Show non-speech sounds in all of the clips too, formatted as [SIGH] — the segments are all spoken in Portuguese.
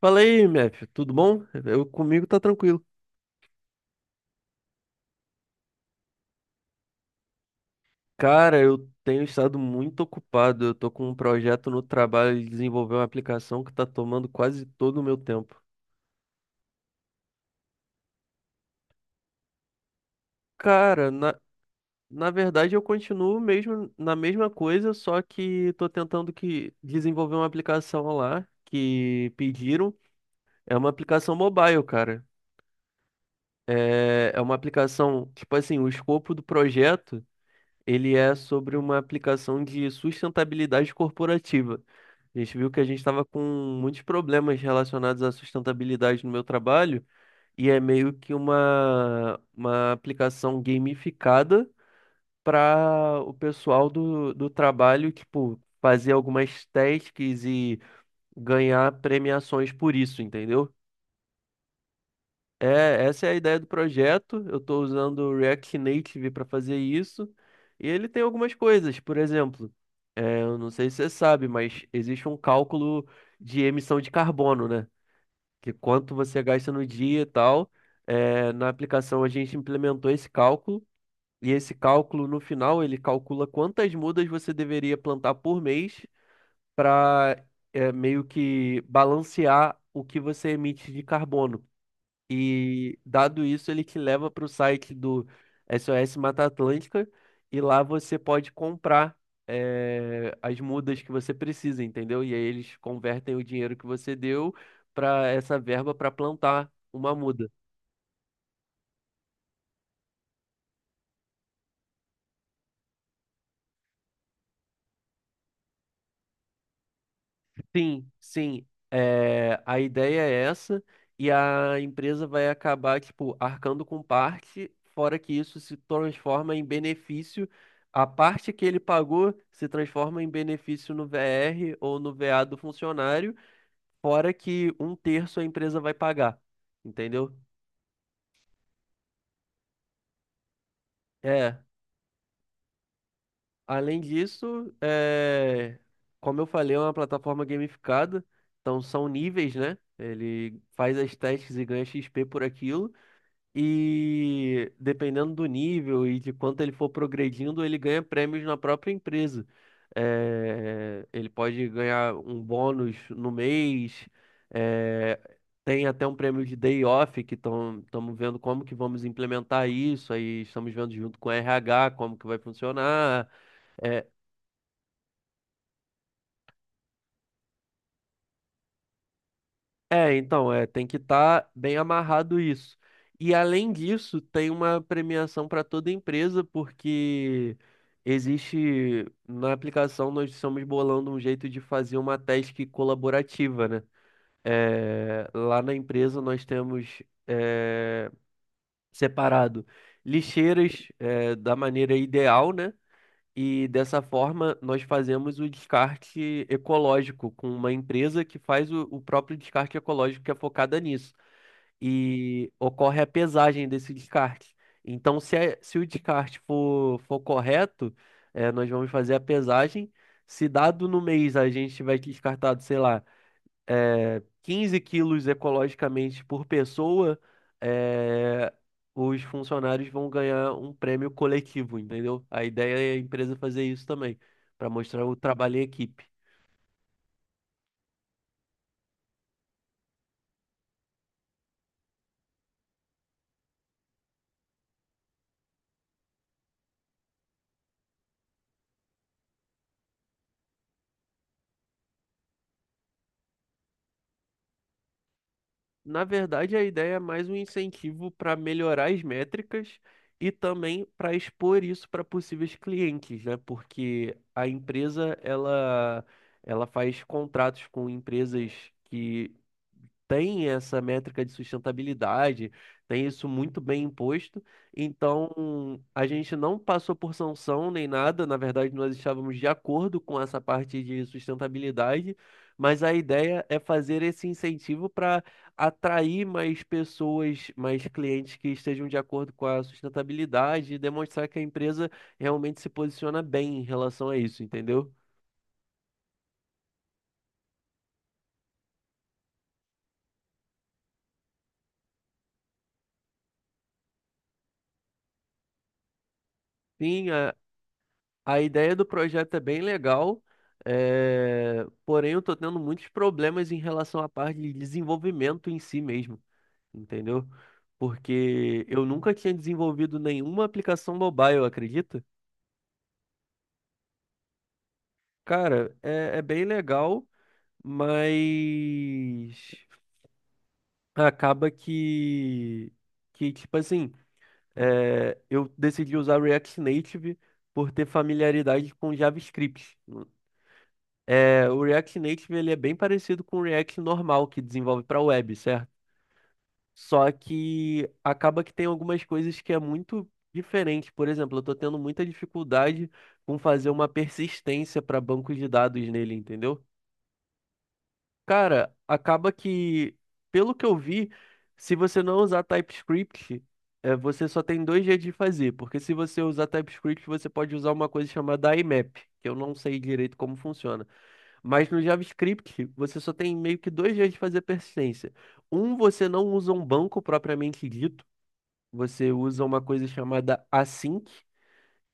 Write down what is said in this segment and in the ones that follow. Fala aí, Mef, tudo bom? Eu comigo tá tranquilo. Cara, eu tenho estado muito ocupado. Eu tô com um projeto no trabalho de desenvolver uma aplicação que tá tomando quase todo o meu tempo. Cara, na verdade eu continuo mesmo na mesma coisa, só que tô tentando que desenvolver uma aplicação lá que pediram. É uma aplicação mobile, cara. É uma aplicação, tipo assim, o escopo do projeto. Ele é sobre uma aplicação de sustentabilidade corporativa. A gente viu que a gente estava com muitos problemas relacionados à sustentabilidade no meu trabalho, e é meio que uma aplicação gamificada para o pessoal do trabalho, tipo, fazer algumas tasks e ganhar premiações por isso, entendeu? É, essa é a ideia do projeto. Eu estou usando o React Native para fazer isso. E ele tem algumas coisas, por exemplo, eu não sei se você sabe, mas existe um cálculo de emissão de carbono, né? Que quanto você gasta no dia e tal. É, na aplicação a gente implementou esse cálculo. E esse cálculo, no final, ele calcula quantas mudas você deveria plantar por mês para meio que balancear o que você emite de carbono. E dado isso, ele te leva para o site do SOS Mata Atlântica e lá você pode comprar as mudas que você precisa, entendeu? E aí eles convertem o dinheiro que você deu para essa verba para plantar uma muda. Sim, sim. É, a ideia é essa, e a empresa vai acabar, tipo, arcando com parte, fora que isso se transforma em benefício. A parte que ele pagou se transforma em benefício no VR ou no VA do funcionário, fora que um terço a empresa vai pagar. Entendeu? É. Além disso, como eu falei, é uma plataforma gamificada, então são níveis, né? Ele faz as testes e ganha XP por aquilo. E dependendo do nível e de quanto ele for progredindo, ele ganha prêmios na própria empresa. Ele pode ganhar um bônus no mês, eh, tem até um prêmio de day off, que estamos vendo como que vamos implementar isso, aí estamos vendo junto com o RH como que vai funcionar. eh, É, então, tem que estar bem amarrado isso. E além disso, tem uma premiação para toda empresa, porque existe na aplicação nós estamos bolando um jeito de fazer uma task colaborativa, né? É, lá na empresa nós temos é, separado lixeiras da maneira ideal, né? E dessa forma, nós fazemos o descarte ecológico com uma empresa que faz o próprio descarte ecológico que é focada nisso. E ocorre a pesagem desse descarte. Então, se o descarte for, for correto, nós vamos fazer a pesagem. Se dado no mês a gente tiver descartado, sei lá 15 quilos ecologicamente por pessoa, é, os funcionários vão ganhar um prêmio coletivo, entendeu? A ideia é a empresa fazer isso também, para mostrar o trabalho em equipe. Na verdade, a ideia é mais um incentivo para melhorar as métricas e também para expor isso para possíveis clientes, né? Porque a empresa ela faz contratos com empresas que tem essa métrica de sustentabilidade, tem isso muito bem imposto. Então, a gente não passou por sanção nem nada, na verdade, nós estávamos de acordo com essa parte de sustentabilidade, mas a ideia é fazer esse incentivo para atrair mais pessoas, mais clientes que estejam de acordo com a sustentabilidade e demonstrar que a empresa realmente se posiciona bem em relação a isso, entendeu? Sim. A ideia do projeto é bem legal, porém eu tô tendo muitos problemas em relação à parte de desenvolvimento em si mesmo, entendeu? Porque eu nunca tinha desenvolvido nenhuma aplicação mobile, acredita? Cara, é bem legal, mas acaba que tipo assim, eu decidi usar React Native por ter familiaridade com JavaScript. É, o React Native ele é bem parecido com o React normal que desenvolve para web, certo? Só que acaba que tem algumas coisas que é muito diferente. Por exemplo, eu estou tendo muita dificuldade com fazer uma persistência para bancos de dados nele, entendeu? Cara, acaba que, pelo que eu vi, se você não usar TypeScript, você só tem dois jeitos de fazer, porque se você usar TypeScript, você pode usar uma coisa chamada IMAP, que eu não sei direito como funciona. Mas no JavaScript, você só tem meio que dois jeitos de fazer persistência. Um, você não usa um banco propriamente dito, você usa uma coisa chamada async,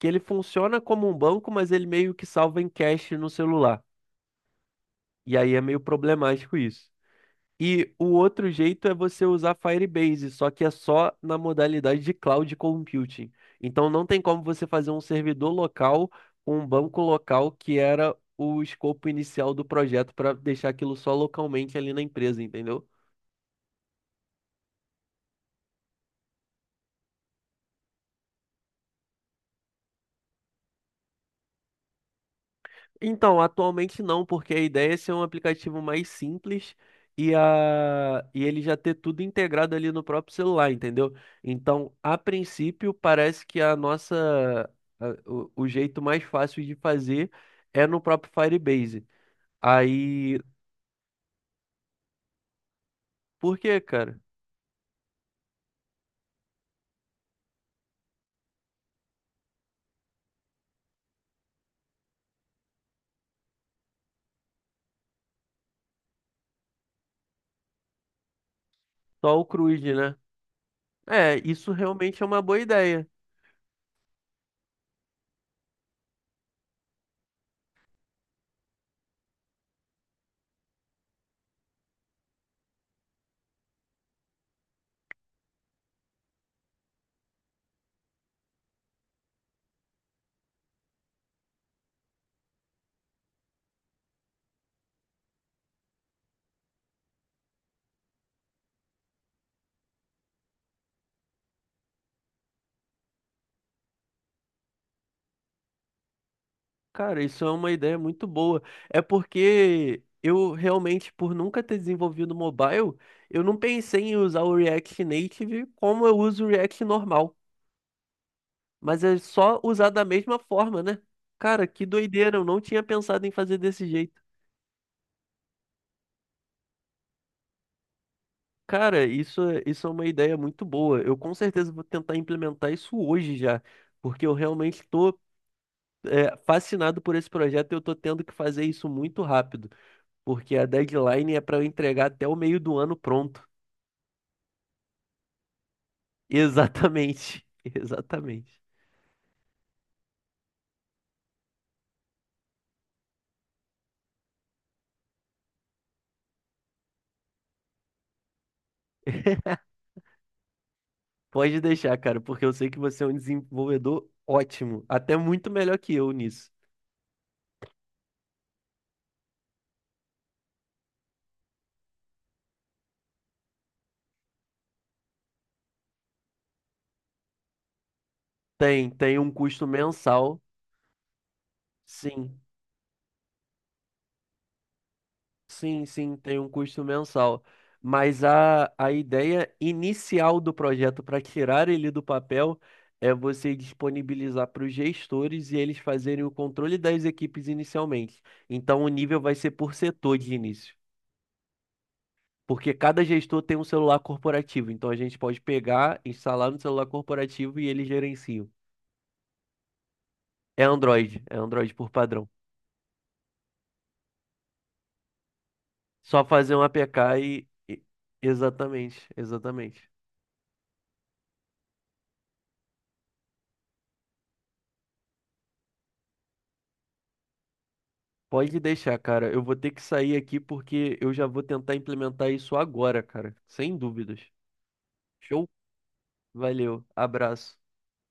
que ele funciona como um banco, mas ele meio que salva em cache no celular. E aí é meio problemático isso. E o outro jeito é você usar Firebase, só que é só na modalidade de cloud computing. Então não tem como você fazer um servidor local com um banco local que era o escopo inicial do projeto para deixar aquilo só localmente ali na empresa, entendeu? Então, atualmente não, porque a ideia é ser um aplicativo mais simples e, a... e ele já ter tudo integrado ali no próprio celular, entendeu? Então, a princípio, parece que a nossa o jeito mais fácil de fazer é no próprio Firebase. Aí, por quê, cara? Só o CRUD, né? É, isso realmente é uma boa ideia. Cara, isso é uma ideia muito boa. É porque eu realmente, por nunca ter desenvolvido mobile, eu não pensei em usar o React Native como eu uso o React normal. Mas é só usar da mesma forma, né? Cara, que doideira, eu não tinha pensado em fazer desse jeito. Cara, isso é uma ideia muito boa. Eu com certeza vou tentar implementar isso hoje já, porque eu realmente estou fascinado por esse projeto e eu estou tendo que fazer isso muito rápido. Porque a deadline é para eu entregar até o meio do ano pronto. Exatamente, [LAUGHS] exatamente. Pode deixar, cara, porque eu sei que você é um desenvolvedor ótimo, até muito melhor que eu nisso. Tem, tem um custo mensal, sim, sim, sim, tem um custo mensal. Mas a ideia inicial do projeto para tirar ele do papel é você disponibilizar para os gestores e eles fazerem o controle das equipes inicialmente. Então o nível vai ser por setor de início. Porque cada gestor tem um celular corporativo, então a gente pode pegar, instalar no celular corporativo e ele gerencia. É Android por padrão. Só fazer um APK Exatamente, exatamente. Pode deixar, cara. Eu vou ter que sair aqui porque eu já vou tentar implementar isso agora, cara. Sem dúvidas. Show? Valeu, abraço.